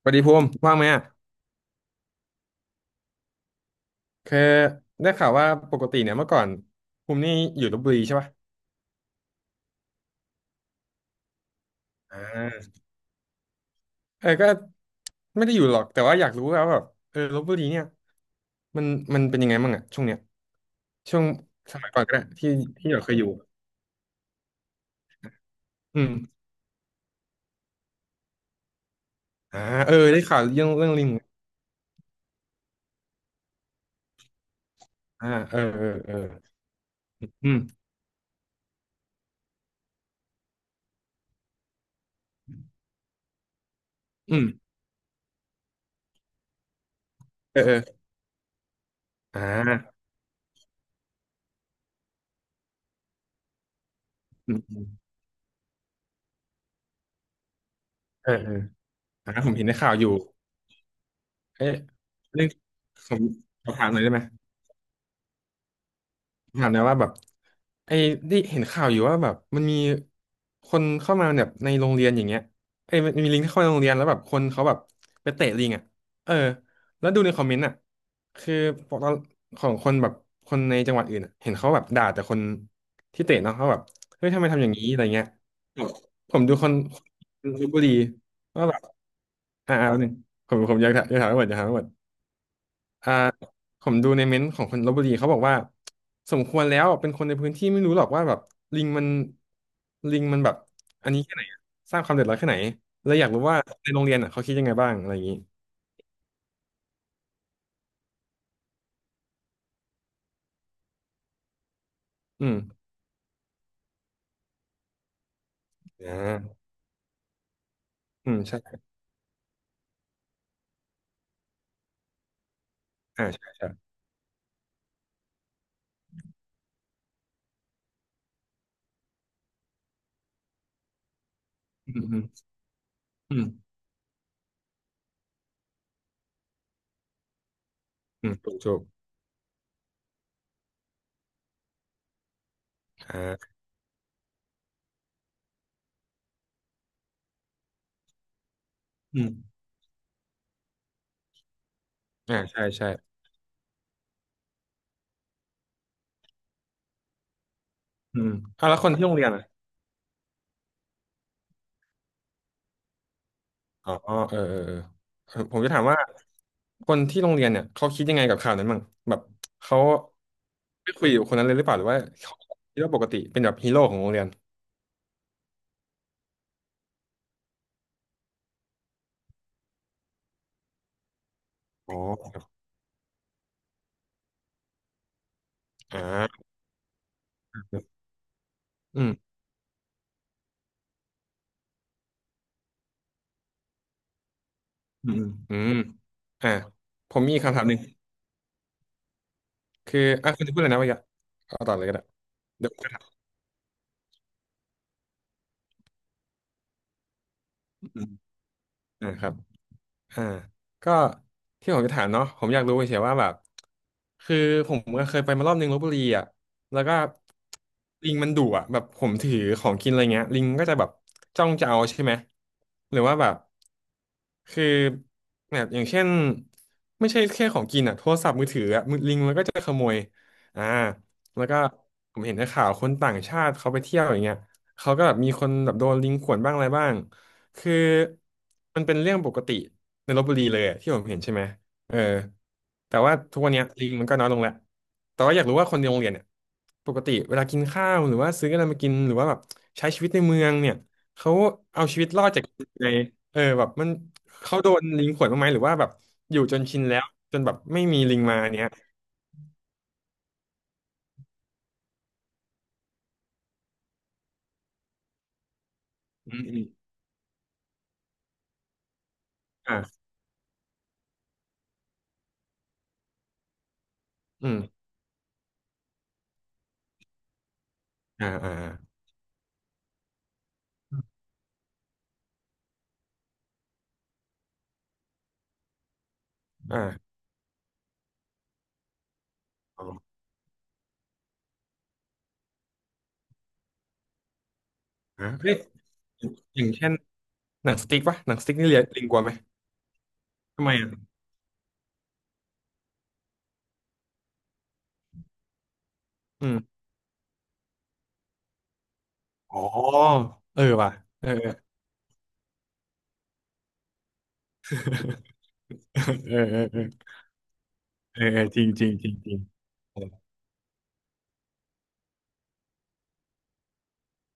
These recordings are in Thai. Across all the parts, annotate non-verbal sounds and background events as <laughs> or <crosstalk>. สวัสดีภูมิว่างไหมอ่ะคือได้ข่าวว่าปกติเนี่ยเมื่อก่อนภูมินี่อยู่ลพบุรีใช่ป่ะอ่าเออก็ไม่ได้อยู่หรอกแต่ว่าอยากรู้ว่าแบบเออลพบุรีเนี่ยมันมันเป็นยังไงบ้างอ่ะช่วงเนี้ยช่วงสมัยก่อนก็ได้ที่ที่เราเคยอยู่อืมอ่าเออได้ข่าวเรื่องลิงอ่าเออเออเอออืมอืมเออเอออ่าอืมอืมเออเอออ่าผมเห็นในข่าวอยู่เอ๊ะเรื่องผมขอถามหน่อยได้ไหม ถามหนะว่าแบบไอ้ได้เห็นข่าวอยู่ว่าแบบมันมีคนเข้ามาแบบในโรงเรียนอย่างเงี้ยไอ้ยมันมีลิงที่เข้ามาในโรงเรียนแล้วแบบคนเขาแบบไปเตะลิงอ่ะเออแล้วดูในคอมเมนต์อ่ะคือพวกเราของคนแบบคนในจังหวัดอื่นอะเห็นเขาแบบด่าแต่คนที่เตะเนาะเขาแบบเฮ้ยทำไมทำอย่างนี้อะไรเงี้ยแบบผมดูคนลพบุรีว่าแบบอ่าเอาหนึ่งผมอยากถามอยากถามให้หมดอยากถามให้หมด อ่าผมดูในเม้นต์ของคนลพบุรีเขาบอกว่าสมควรแล้วเป็นคนในพื้นที่ไม่รู้หรอกว่าแบบลิงมันลิงมันแบบอันนี้แค่ไหนอะสร้างความเดือดร้อนแค่ไหนเลยอยากรู้ว่าในโรงเรียนอ่ะเขาคิดยังไงบ้างอะไรอย่างนี้อืมอ่าอืมใช่อ่าใช่ใช่อืมอืมอืมอืมถูกถูกอ่าอืมอ่าใช่ใช่อืมอ่าแล้วคนที่โรงเรียนอ่ะ อ๋อเออเออเออเออผมจะถามว่าคนที่โรงเรียนเนี่ยเขาคิดยังไงกับข่าวนั้นบ้างแบบเขาไม่คุยกับคนนั้นเลยหรือเปล่าหรือว่าเขาคิดว่าปกติเป็นแบบฮีโร่ของโรงเรียนอ๋อครับอ่าอืมอืมอืมอ่าผมมีคำถามหนึ่งคืออ่ะคุณจะพูดอะไรนะวะยะเอาต่อเลยก็ได้เดี๋ยวผมจะถามอืมอ่าครับ อ่าก็ที่ผมจะถามเนาะผมอยากรู้เฉยๆว่าแบบคือผมก็เคยไปมารอบนึงลพบุรีอ่ะแล้วก็ลิงมันดุอ่ะแบบผมถือของกินอะไรเงี้ยลิงก็จะแบบจ้องจะเอาใช่ไหมหรือว่าแบบคือแบบอย่างเช่นไม่ใช่แค่ของกินอ่ะโทรศัพท์มือถืออ่ะมือลิงมันก็จะขโมยอ่าแล้วก็ผมเห็นในข่าวคนต่างชาติเขาไปเที่ยวอย่างเงี้ยเขาก็แบบมีคนแบบโดนลิงข่วนบ้างอะไรบ้างคือมันเป็นเรื่องปกติ ในลพบุรีเลยอะที่ผมเห็นใช่ไหมเออแต่ว่าทุกวันเนี้ยลิงมันก็น้อยลงแล้วแต่ว่าอยากรู้ว่าคนในโรงเรียนเนี่ยปกติเวลากินข้าวหรือว่าซื้ออะไรมากินหรือว่าแบบใช้ชีวิตในเมืองเนี่ยเขาเอาชีวิตรอดจากในเออแบบมันเขาโดนลิงข่วนบ้างไหมหรือว่าแบบอยู่จนชินแล้วจนแบบไม่มีลิงมาเนี้ยอืมอืมอ่าอืมอ่าอ่าอ่าอ๋ออ่าเฮ้ยอย่างเช่นหนังสติ๊กปะหนังสติ๊กนี่เรียนลิงกลัวไหมทำไมอ่ะอืมอ๋อเออว่ะเออ เออเออเออเออเออจริงจริงจริงจริงเออ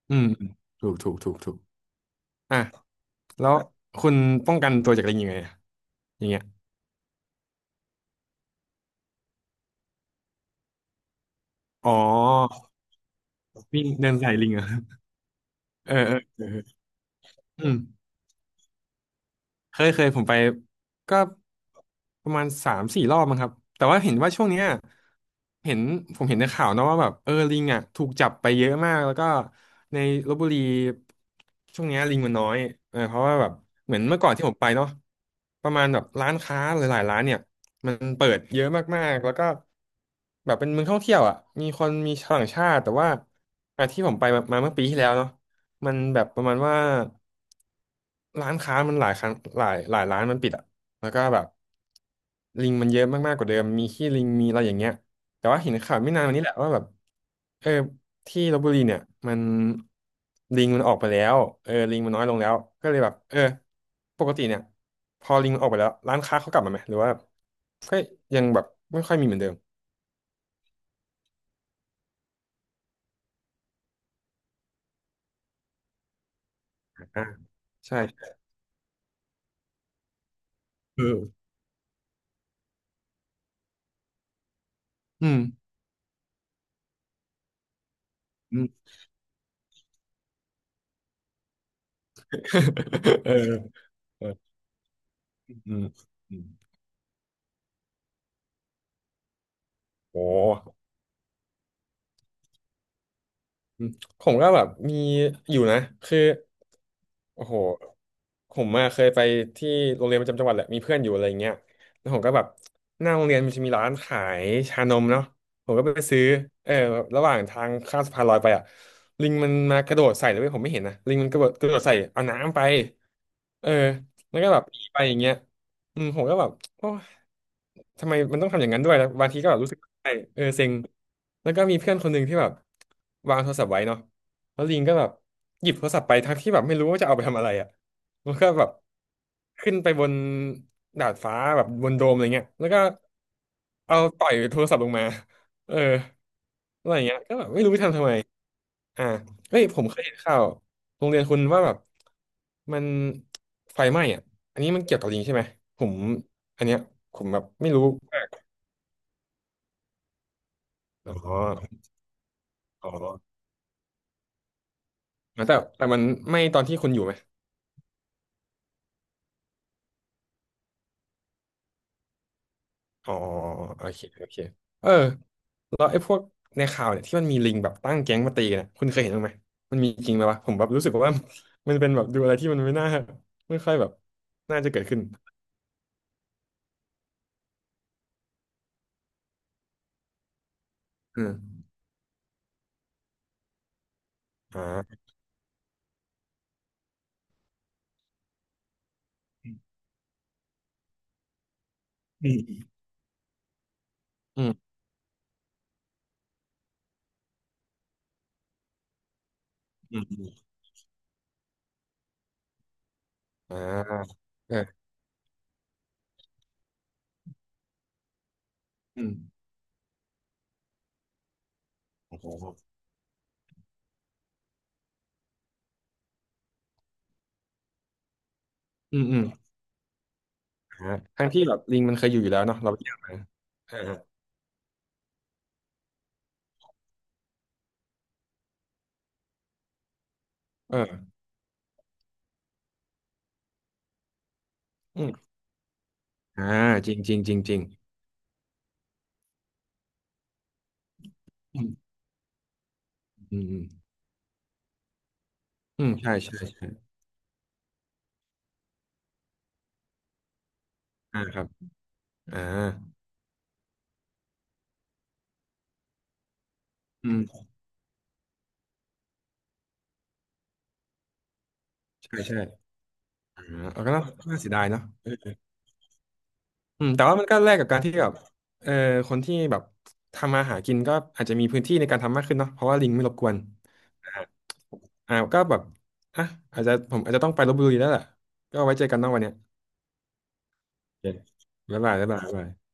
อืมอืมถูกถูกถูกถูกอ่ะแล้วคุณป้องกันตัวจากลิงยังไงอะอย่างเงี้ยอ๋อวิ่งเดินใส่ลิงเหรอเออเออเออเอออืม เคยเคยผมไปก็ประมาณสามสี่รอบมั้งครับแต่ว่าเห็นว่าช่วงเนี้ยเห็นผมเห็นในข่าวนะว่าแบบเออลิงอ่ะถูกจับไปเยอะมากแล้วก็ในลพบุรีช่วงเนี้ยลิงมันน้อยเออเพราะว่าแบบเหมือนเมื่อก่อนที่ผมไปเนาะประมาณแบบร้านค้าหลายๆร้านเนี่ยมันเปิดเยอะมากๆแล้วก็แบบเป็นเมืองท่องเที่ยวอ่ะมีคนมีชาวต่างชาติแต่ว่าอ่ะที่ผมไปมามาเมื่อปีที่แล้วเนาะ มันแบบประมาณว่าร้านค้ามันหลายครั้งหลายหลายร้านมันปิดอ่ะแล้วก็แบบลิงมันเยอะมากๆกว่าเดิมมีขี้ลิงมีอะไรอย่างเงี้ยแต่ว่าเห็นข่าวไม่นานมานี้แหละว่าแบบเออที่ลพบุรีเนี่ยมันลิงมันออกไปแล้วเออลิงมันน้อยลงแล้วก็เลยแบบเออปกติเนี่ยพอลิงมันออกไปแล้วร้านค้าเขากลับมาไหมหรือว่าก็ยังแบบไม่ค่อยมีเหมือนเดิมอ่าใช่เอออืมอืม <laughs> เออเอออืม โอ้ผมก็แบบมีอยู่นะคือ โอ้โหผมอะเคยไปที่โรงเรียนประจำจังหวัดแหละมีเพื่อนอยู่อะไรเงี้ยแล้วผมก็แบบหน้าโรงเรียนมันจะมีร้านขายชานมเนาะผมก็ไปซื้อเออระหว่างทางข้ามสะพานลอยไปอะลิงมันมากระโดดใส่เลยเว้ยผมไม่เห็นนะลิงมันกระโดดใส่เอาน้ำไปเออแล้วก็แบบหนีไปอย่างเงี้ยอืมผมก็แบบโอ้ทำไมมันต้องทำอย่างนั้นด้วยแล้วบางทีก็แบบรู้สึกใช่เออเซ็งแล้วก็มีเพื่อนคนหนึ่งที่แบบวางโทรศัพท์ไว้เนาะ แล้วลิงก็แบบหยิบโทรศัพท์ไปทั้งที่แบบไม่รู้ว่าจะเอาไปทำอะไรอ่ะแล้วก็แบบขึ้นไปบนดาดฟ้าแบบบนโดมอะไรเงี้ยแล้วก็เอาต่อยโทรศัพท์ลงมาเอออะไรอย่างเงี้ยก็แบบไม่รู้ไปทำไมอ่าเฮ้ยผมเคยเห็นข่าวโรงเรียนคุณว่าแบบมันไฟไหม้อ่ะอันนี้มันเกี่ยวกับลิงใช่ไหมผมอันเนี้ยผมแบบไม่รู้มากอ๋ออ๋อแต่มันไหม้ตอนที่คุณอยู่ไหมอ๋อโอเคโอเคเออ แล้วไอ้พวกในข่าวเนี่ยที่มันมีลิงแบบตั้งแก๊งมาตีกันเนี่ยคุณเคยเห็นบ้างไหมมันมีจริงไหมวะผมแบบรู้สึกว่า <laughs> มันเป็นแบบดูอะไรที่มันไม่น่าไม่ค่อยแบบน่าจะเกิดขึ้นอืมอ่าอืมอืมอืมออ่าเอออืมโอ้โหอืมอืมอ่าทั้งที่แบบลิงมันเคยอยู่แล้วเนาะเราไปเจอมาเออเอออืมอ่าจริงจริงจริงจริงอืมอืมอืมอืมใช่ใช่ใช่อ่าครับอ่าอืมใช่ใช่อ่าเอาก็น่าน่าเสียดายเนาะ อืมแต่ว่ามันก็แลกกับการที่แบบเออคนที่แบบทำมาหากินก็อาจจะมีพื้นที่ในการทำมากขึ้นเนาะเพราะว่าลิงไม่รบกวนอ่าอ่าก็แบบอ่ะอาจจะอาจจะต้องไปลพบุรีแล้วแหละก็ไว้เจอกันเนอกวันเนี้ยโอเคบ๊ายบายบ๊ายบายบ๊ายบาย